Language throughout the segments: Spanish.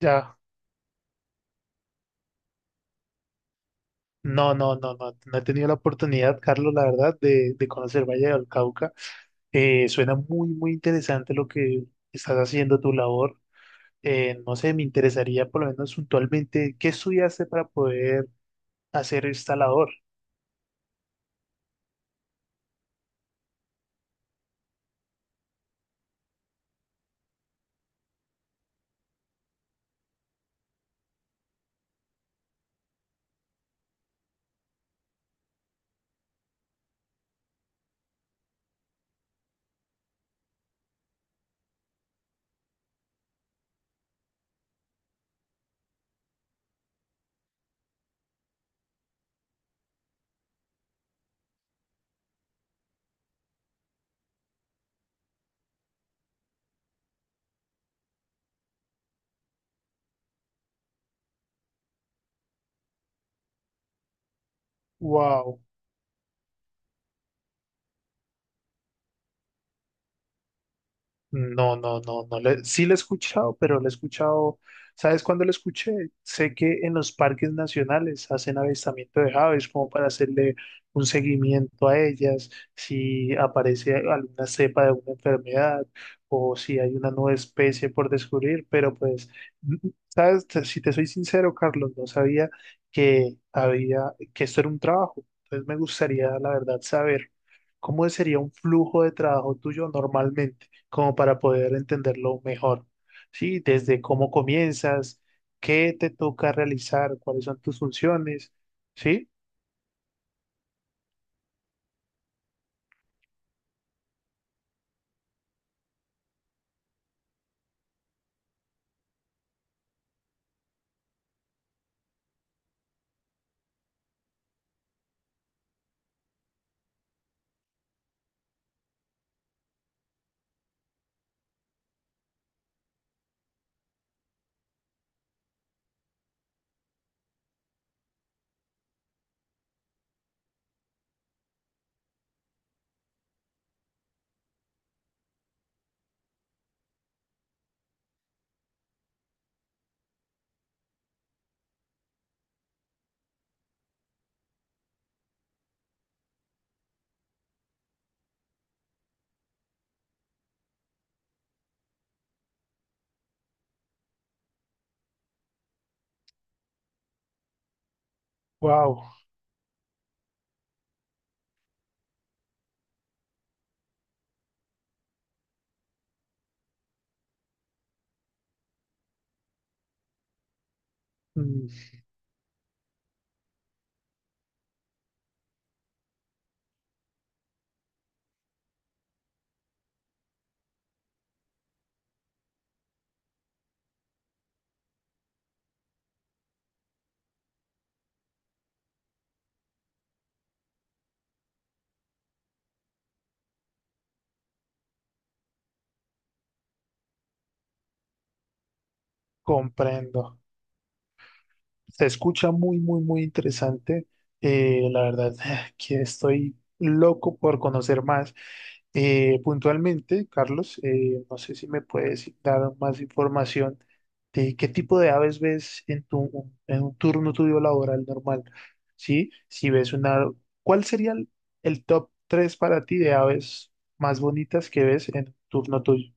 Ya, no, no, no, no, no he tenido la oportunidad, Carlos, la verdad, de conocer Valle del Cauca. Suena muy, muy interesante lo que estás haciendo, tu labor. No sé, me interesaría por lo menos puntualmente qué estudiaste para poder hacer esta labor. Wow. No, no, no, no. Sí la he escuchado, pero la he escuchado. ¿Sabes cuándo la escuché? Sé que en los parques nacionales hacen avistamiento de aves como para hacerle un seguimiento a ellas, si aparece alguna cepa de una enfermedad o si hay una nueva especie por descubrir, pero pues, n- ¿sabes? Si te soy sincero, Carlos, no sabía que había, que esto era un trabajo. Entonces me gustaría, la verdad, saber cómo sería un flujo de trabajo tuyo normalmente como para poder entenderlo mejor. Sí, desde cómo comienzas, qué te toca realizar, cuáles son tus funciones. Sí, wow, comprendo. Se escucha muy, muy, muy interesante. La verdad que estoy loco por conocer más. Puntualmente, Carlos, no sé si me puedes dar más información de qué tipo de aves ves en tu, en un turno tuyo laboral normal, ¿sí? Si ves una, ¿cuál sería el top 3 para ti de aves más bonitas que ves en un turno tuyo?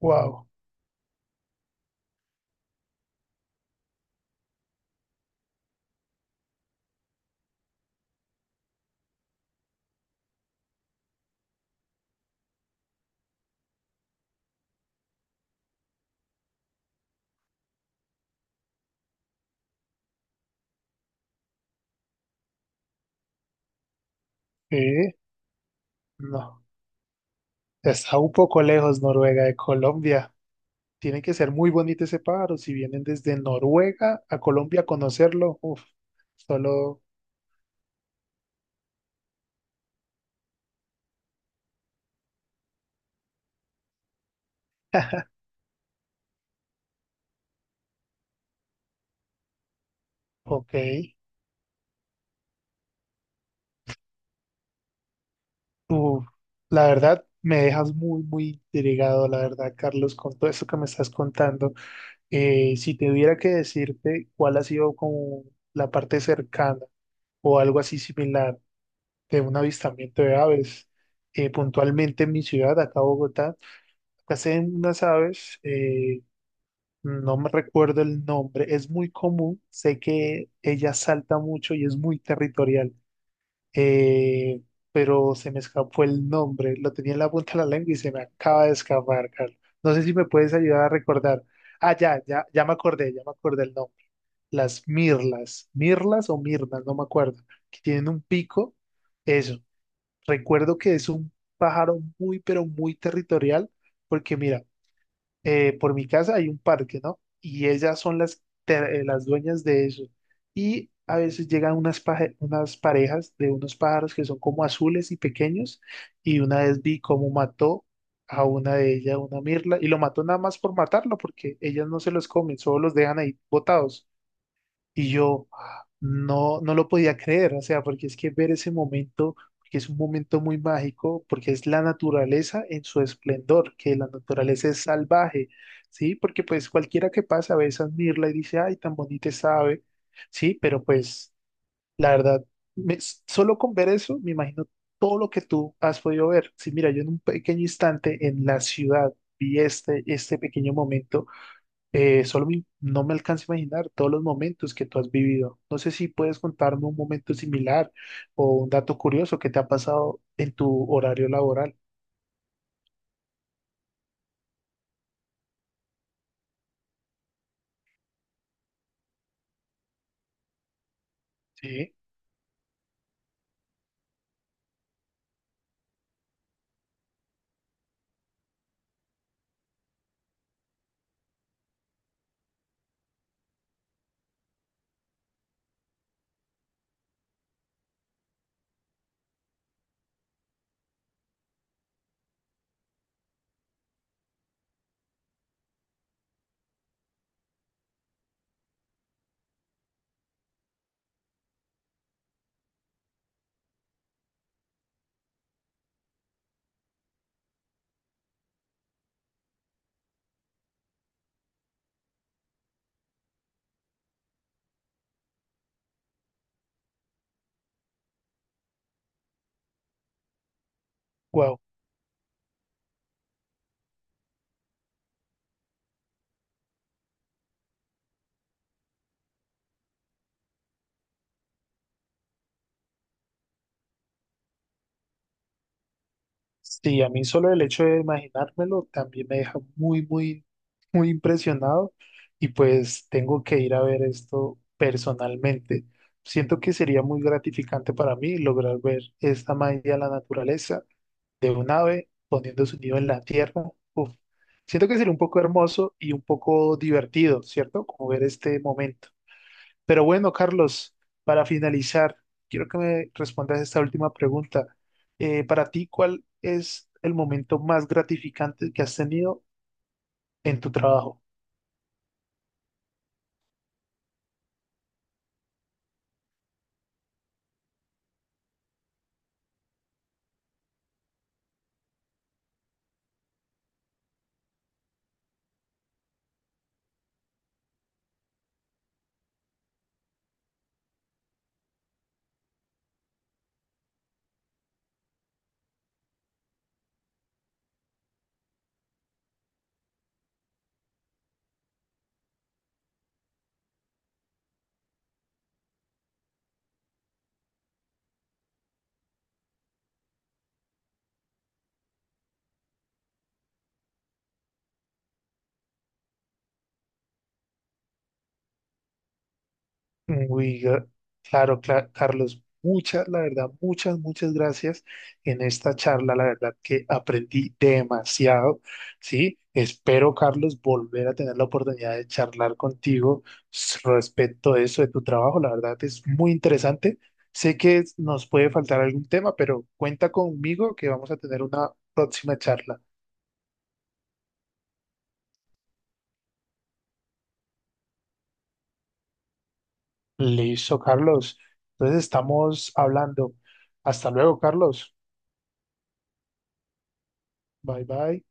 Wow, eh, no, está un poco lejos Noruega de Colombia. Tiene que ser muy bonito ese pájaro. Si vienen desde Noruega a Colombia a conocerlo, uf, solo, ok. Uf, la verdad, me dejas muy, muy intrigado, la verdad, Carlos, con todo esto que me estás contando. Si tuviera que decirte cuál ha sido como la parte cercana o algo así similar de un avistamiento de aves, puntualmente en mi ciudad, acá Bogotá, acá se ven unas aves. No me recuerdo el nombre, es muy común, sé que ella salta mucho y es muy territorial, eh, pero se me escapó el nombre, lo tenía en la punta de la lengua y se me acaba de escapar, Carlos. No sé si me puedes ayudar a recordar. Ah, ya, ya, ya me acordé el nombre. Las mirlas, mirlas o mirnas, no me acuerdo, que tienen un pico, eso. Recuerdo que es un pájaro muy, pero muy territorial, porque mira, por mi casa hay un parque, ¿no? Y ellas son las, las dueñas de eso. Y a veces llegan unas, unas parejas de unos pájaros que son como azules y pequeños. Y una vez vi cómo mató a una de ellas, una mirla, y lo mató nada más por matarlo, porque ellas no se los comen, solo los dejan ahí botados. Y yo no lo podía creer, o sea, porque es que ver ese momento, que es un momento muy mágico, porque es la naturaleza en su esplendor, que la naturaleza es salvaje, ¿sí? Porque pues cualquiera que pasa a veces admirla y dice, ay, tan bonita sabe, ¿sí? Pero pues la verdad, solo con ver eso, me imagino todo lo que tú has podido ver. Sí, mira, yo en un pequeño instante en la ciudad vi este pequeño momento. Solo no me alcanza a imaginar todos los momentos que tú has vivido. No sé si puedes contarme un momento similar o un dato curioso que te ha pasado en tu horario laboral. Sí, wow. Sí, a mí solo el hecho de imaginármelo también me deja muy, muy, muy impresionado y pues tengo que ir a ver esto personalmente. Siento que sería muy gratificante para mí lograr ver esta magia de la naturaleza de un ave poniendo su nido en la tierra. Uf, siento que sería un poco hermoso y un poco divertido, ¿cierto? Como ver este momento. Pero bueno, Carlos, para finalizar, quiero que me respondas esta última pregunta. Para ti, ¿cuál es el momento más gratificante que has tenido en tu trabajo? Uy, claro, Carlos, muchas, la verdad, muchas, muchas gracias en esta charla. La verdad que aprendí demasiado, ¿sí? Espero, Carlos, volver a tener la oportunidad de charlar contigo respecto de eso, de tu trabajo. La verdad es muy interesante. Sé que nos puede faltar algún tema, pero cuenta conmigo que vamos a tener una próxima charla. Listo, Carlos. Entonces estamos hablando. Hasta luego, Carlos. Bye, bye.